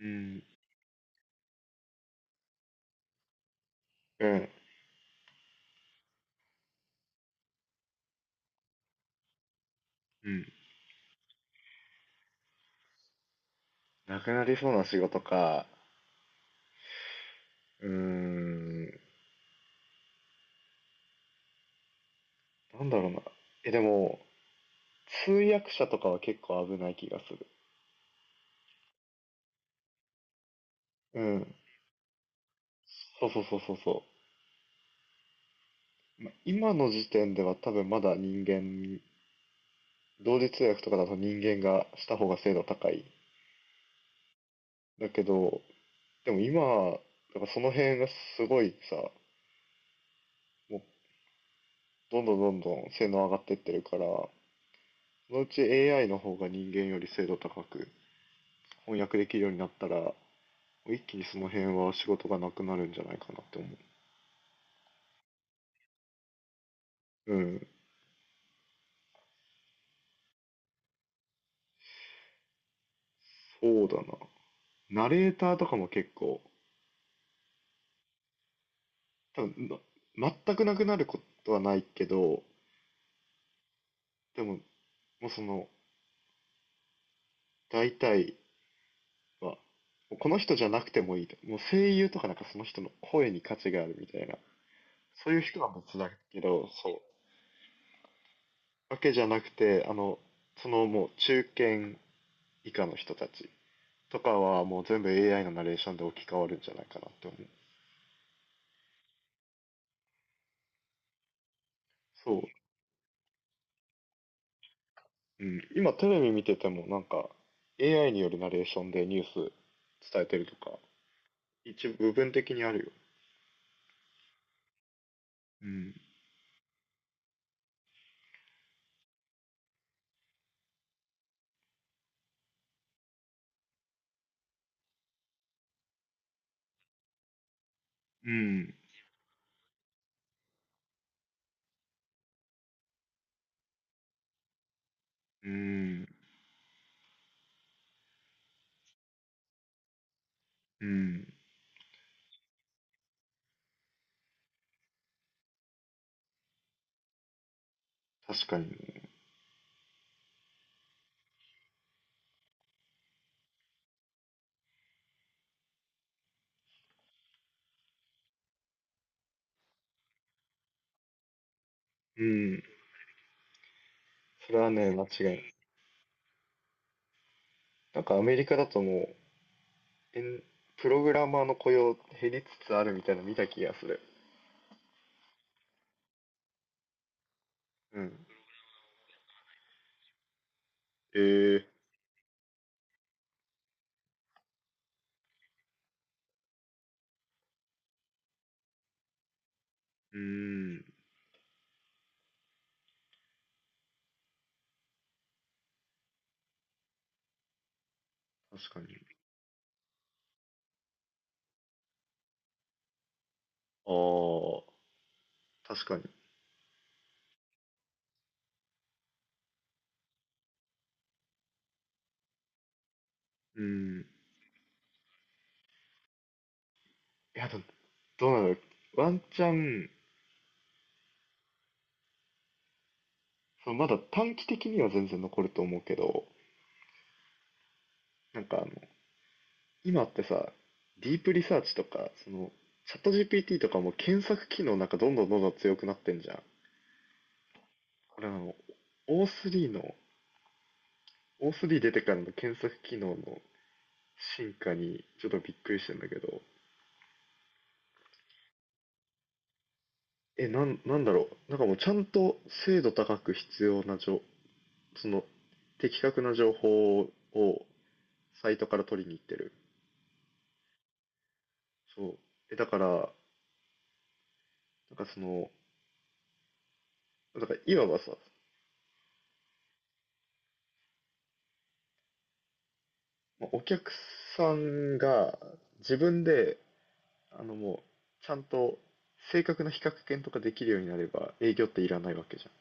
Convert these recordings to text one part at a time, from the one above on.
うん、うん。うん。なくなりそうな仕事か。うーん。なんだろうな。え、でも、通訳者とかは結構危ない気がする。うん。そうそうそうそうそう。ま今の時点では多分まだ人間、同時通訳とかだと人間がした方が精度高い。だけど、でも今、だからその辺がすごいさ、もうどんどんどんどん性能上がってってるから、そのうち AI の方が人間より精度高く翻訳できるようになったら、一気にその辺は仕事がなくなるんじゃないかなって思う。うん、そうだな。ナレーターとかも結構、多分な全くなくなることはないけど、でも、もうその、大体は、もうこの人じゃなくてもいいと。もう声優とかなんかその人の声に価値があるみたいな。そういう人は別だけど、そう。わけじゃなくて、そのもう中堅以下の人たちとかはもう全部 AI のナレーションで置き換わるんじゃないかなって思う。そう。うん、今テレビ見ててもなんか AI によるナレーションでニュース伝えてるとか、一部部分的にあるよ。うん。うん。うん。うん。確かにね。うん。それはね、間違いない。なんかアメリカだともう、エンプログラマーの雇用減りつつあるみたいなの見た気がする。うん。えー、うん。確かに。ああ、確かに。うん。いや、どうなの？ワンチャン、まだ短期的には全然残ると思うけど、なんか、今ってさ、ディープリサーチとか、チャット GPT とかも検索機能なんかどんどんどんどん強くなってんじゃん。これO3 の、O3 出てからの検索機能の進化にちょっとびっくりしてんだけど、え、なんだろう。なんかもうちゃんと精度高く必要な情、その、的確な情報をサイトから取りに行ってる。そう。え、だから、なんかだからいわばさ、お客さんが自分で、もう、ちゃんと正確な比較検とかできるようになれば営業っていらないわけじゃん。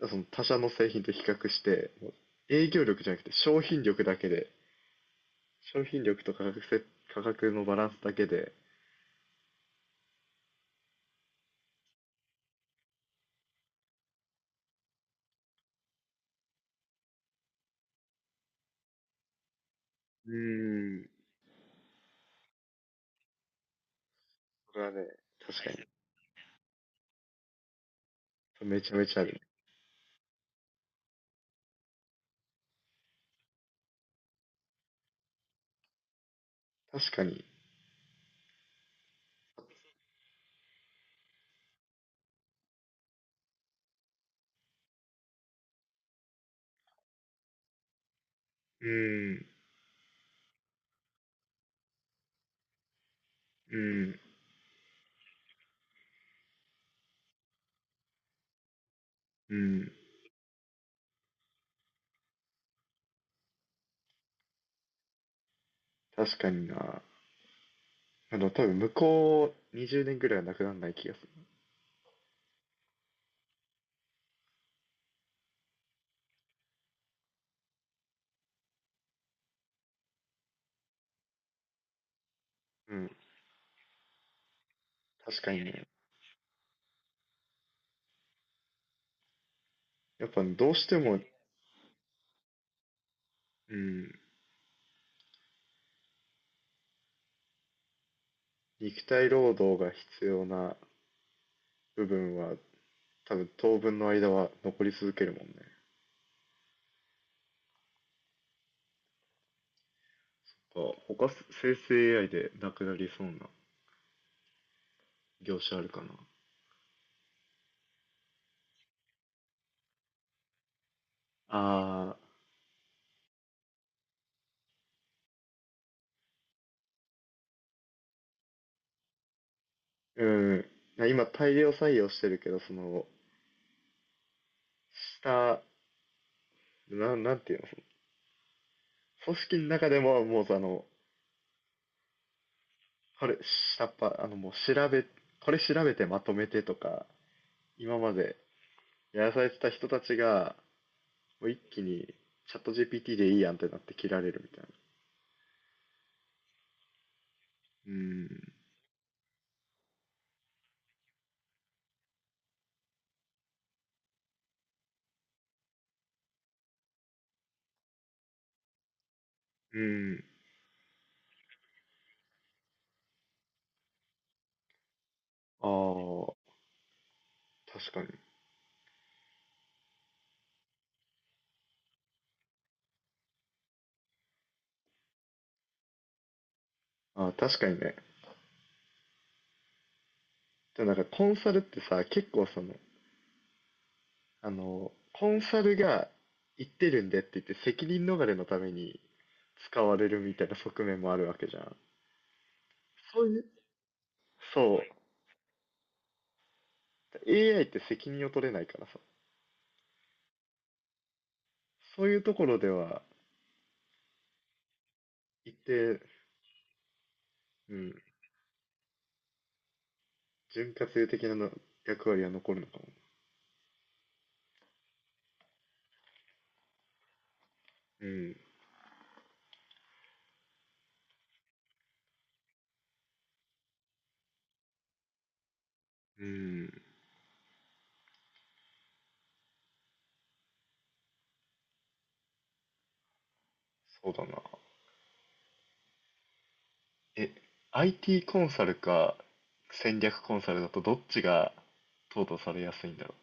だからその他社の製品と比較して、もう営業力じゃなくて商品力だけで、商品力と価格のバランスだけで、うーん、これはね、確かに、めちゃめちゃあるね。確かに、うーん、うーん、うん、確かにな。多分向こう20年ぐらいはなくならない気がする。うん、確かにね。やっぱどうしても、うん、肉体労働が必要な部分は、多分当分の間は残り続けるもんね。なんか他生成 AI でなくなりそうな業種あるかな。ああ、うん。今大量採用してるけど、その、下、なんていうの、その組織の中でも、もう、これ、下っ端、もう調べ、これ調べてまとめてとか、今までやらされてた人たちが、もう一気にチャット GPT でいいやんってなって切られるみたいな。うん。うん。ああ、確かに。ああ、確かにね。でもなんかコンサルってさ、結構コンサルが言ってるんでって言って責任逃れのために使われるみたいな側面もあるわけじゃん。そういう、そう。AI って責任を取れないからさ。そういうところでは、一定、うん、潤滑油的なの役割は残るのかも。うん、うん、そうだな。え、IT コンサルか戦略コンサルだとどっちが淘汰されやすいんだろ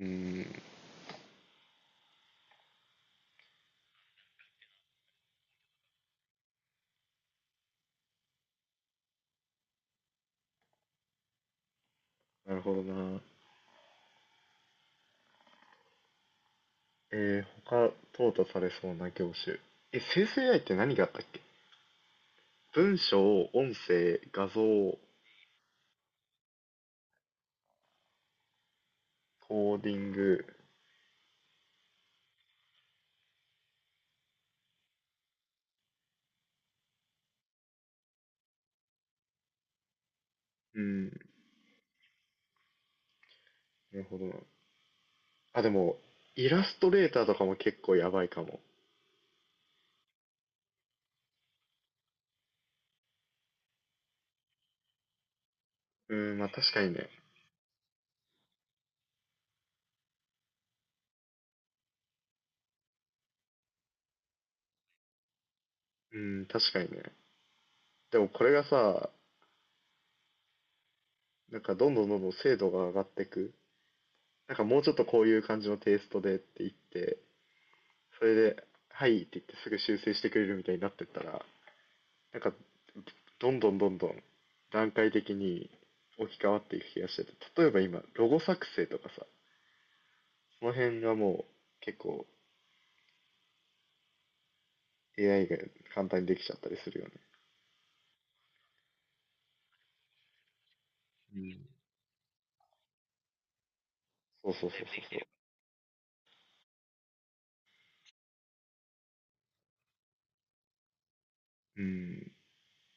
う。うーん、なるほどな。他淘汰されそうな業種。え、生成 AI って何があったっけ？文章、音声、画像、コーディング。うん、なるほどな。あ、でも、イラストレーターとかも結構やばいかも。うん、まあ確かにね。うん、確かにね。でもこれがさ、なんかどんどんどんどん精度が上がってく、なんかもうちょっとこういう感じのテイストでって言って、それで、はいって言ってすぐ修正してくれるみたいになってったら、なんかどんどんどんどん段階的に置き換わっていく気がしてて、例えば今、ロゴ作成とかさ、その辺がもう結構 AI が簡単にできちゃったりするよね。うん。そうそうそうそうそう。うん。